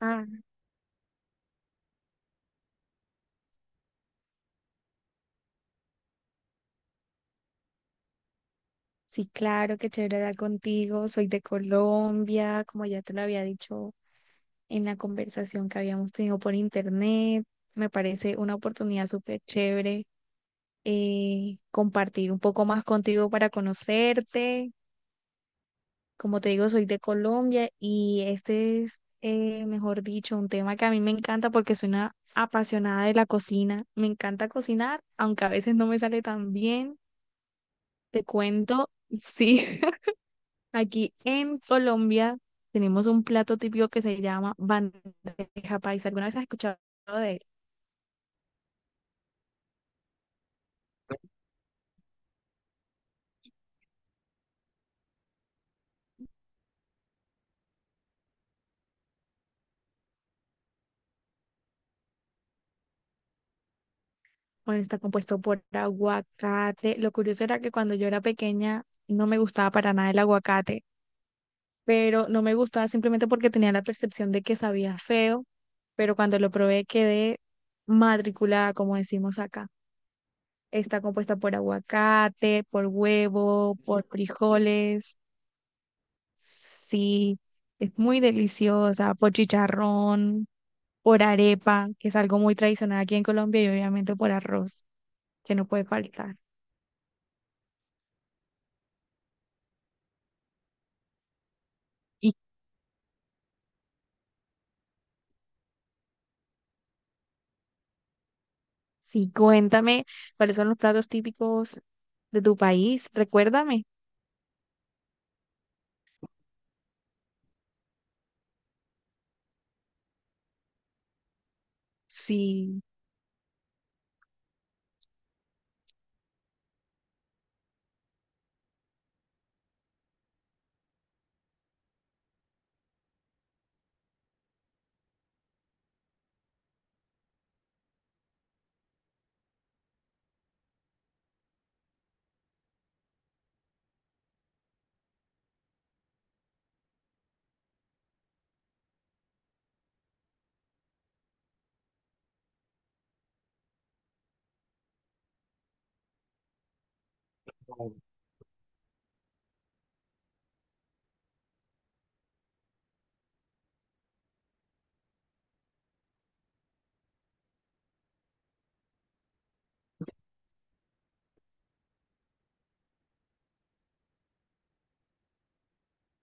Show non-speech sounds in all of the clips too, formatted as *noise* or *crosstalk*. Ah, sí, claro, qué chévere hablar contigo. Soy de Colombia, como ya te lo había dicho en la conversación que habíamos tenido por internet. Me parece una oportunidad súper chévere compartir un poco más contigo para conocerte. Como te digo, soy de Colombia y este es, mejor dicho, un tema que a mí me encanta porque soy una apasionada de la cocina. Me encanta cocinar, aunque a veces no me sale tan bien. Te cuento, *laughs* sí. Aquí en Colombia tenemos un plato típico que se llama bandeja paisa. ¿Alguna vez has escuchado de él? Bueno, está compuesto por aguacate. Lo curioso era que cuando yo era pequeña no me gustaba para nada el aguacate, pero no me gustaba simplemente porque tenía la percepción de que sabía feo, pero cuando lo probé quedé matriculada, como decimos acá. Está compuesta por aguacate, por huevo, por frijoles. Sí, es muy deliciosa, por chicharrón, por arepa, que es algo muy tradicional aquí en Colombia, y obviamente por arroz, que no puede faltar. Y sí, cuéntame cuáles son los platos típicos de tu país, recuérdame. Sí,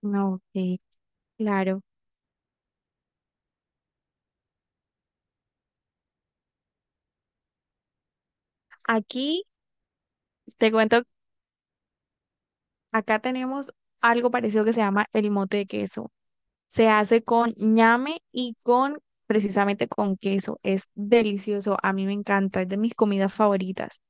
no, ok, claro. Aquí te cuento, acá tenemos algo parecido que se llama el mote de queso. Se hace con ñame y con precisamente con queso. Es delicioso, a mí me encanta, es de mis comidas favoritas.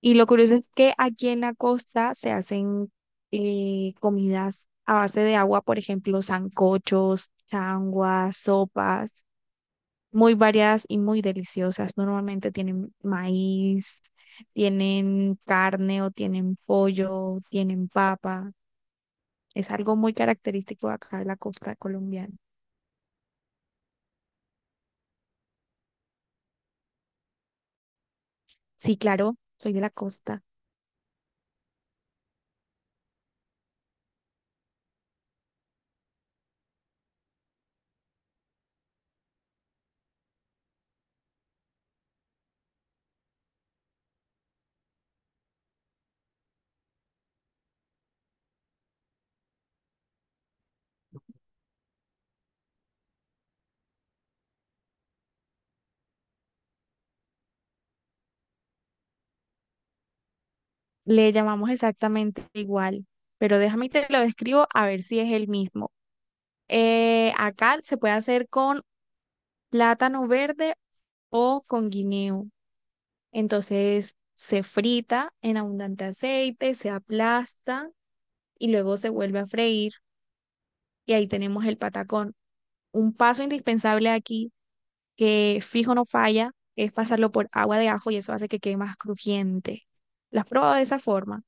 Y lo curioso es que aquí en la costa se hacen comidas a base de agua, por ejemplo, sancochos, changuas, sopas, muy variadas y muy deliciosas. Normalmente tienen maíz, tienen carne o tienen pollo, tienen papa. Es algo muy característico acá de la costa colombiana. Sí, claro, soy de la costa. Le llamamos exactamente igual, pero déjame y te lo describo a ver si es el mismo. Acá se puede hacer con plátano verde o con guineo. Entonces se frita en abundante aceite, se aplasta y luego se vuelve a freír y ahí tenemos el patacón. Un paso indispensable aquí que fijo no falla es pasarlo por agua de ajo y eso hace que quede más crujiente. ¿Las has probado de esa forma?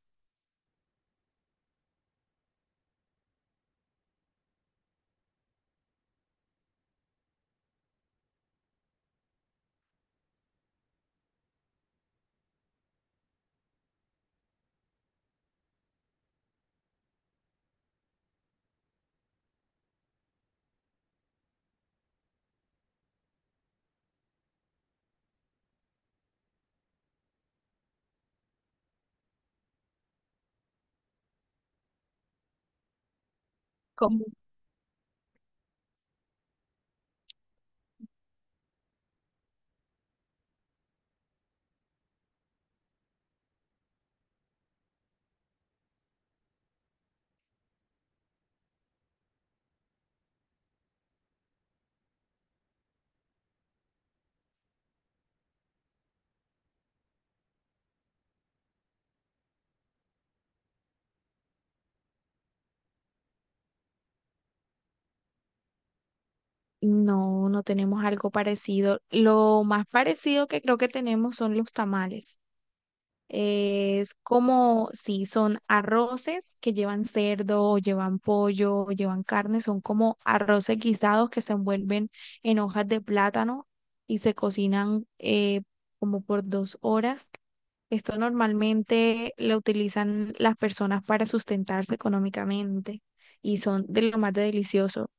No, no tenemos algo parecido. Lo más parecido que creo que tenemos son los tamales. Es como, sí, son arroces que llevan cerdo o llevan pollo o llevan carne, son como arroces guisados que se envuelven en hojas de plátano y se cocinan como por 2 horas. Esto normalmente lo utilizan las personas para sustentarse económicamente y son de lo más delicioso.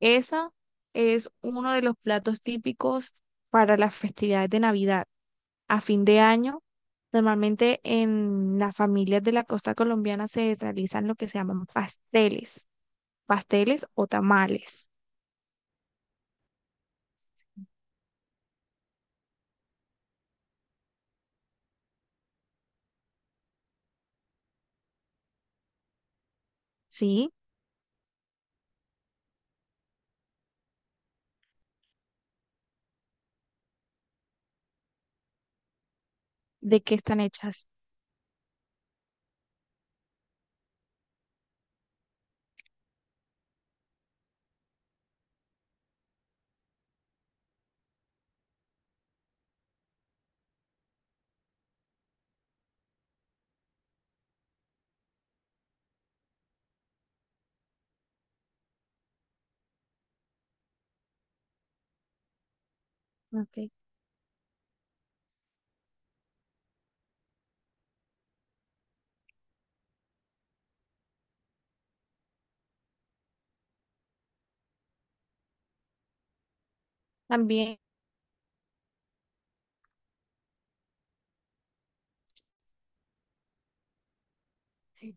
Esa es uno de los platos típicos para las festividades de Navidad. A fin de año, normalmente en las familias de la costa colombiana se realizan lo que se llaman pasteles, pasteles o tamales, ¿sí? ¿De qué están hechas? Ok. También,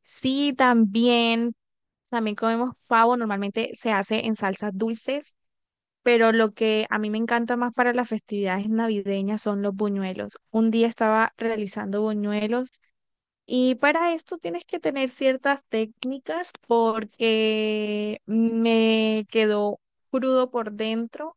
sí, también, también comemos pavo, normalmente se hace en salsas dulces, pero lo que a mí me encanta más para las festividades navideñas son los buñuelos. Un día estaba realizando buñuelos y para esto tienes que tener ciertas técnicas porque me quedó crudo por dentro,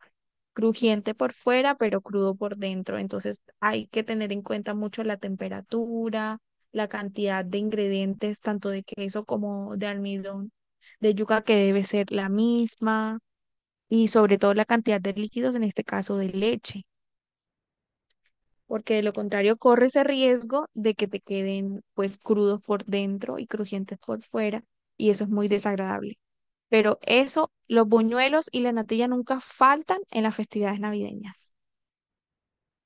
crujiente por fuera, pero crudo por dentro. Entonces hay que tener en cuenta mucho la temperatura, la cantidad de ingredientes, tanto de queso como de almidón, de yuca que debe ser la misma, y sobre todo la cantidad de líquidos, en este caso de leche, porque de lo contrario corres el riesgo de que te queden pues crudos por dentro y crujientes por fuera y eso es muy desagradable. Pero eso, los buñuelos y la natilla nunca faltan en las festividades navideñas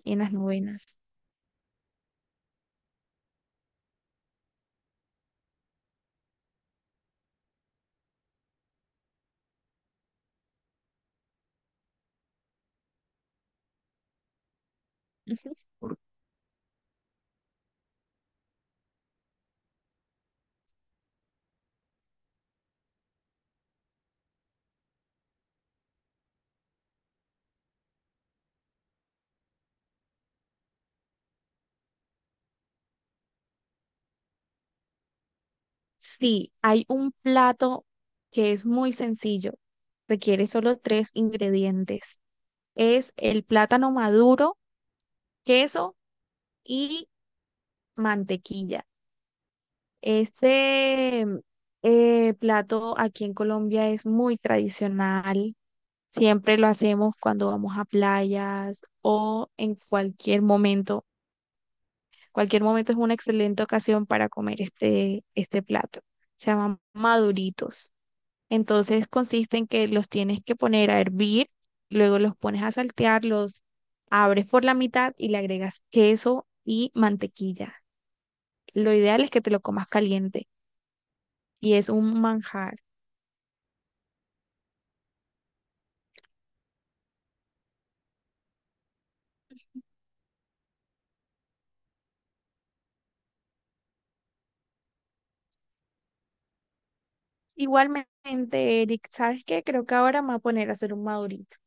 y en las novenas. Ujú. Sí, hay un plato que es muy sencillo, requiere solo tres ingredientes. Es el plátano maduro, queso y mantequilla. Este plato aquí en Colombia es muy tradicional. Siempre lo hacemos cuando vamos a playas o en cualquier momento. Cualquier momento es una excelente ocasión para comer este, este plato. Se llaman maduritos. Entonces consiste en que los tienes que poner a hervir, luego los pones a saltear, los abres por la mitad y le agregas queso y mantequilla. Lo ideal es que te lo comas caliente y es un manjar. Igualmente, Eric, ¿sabes qué? Creo que ahora me voy a poner a hacer un madurito.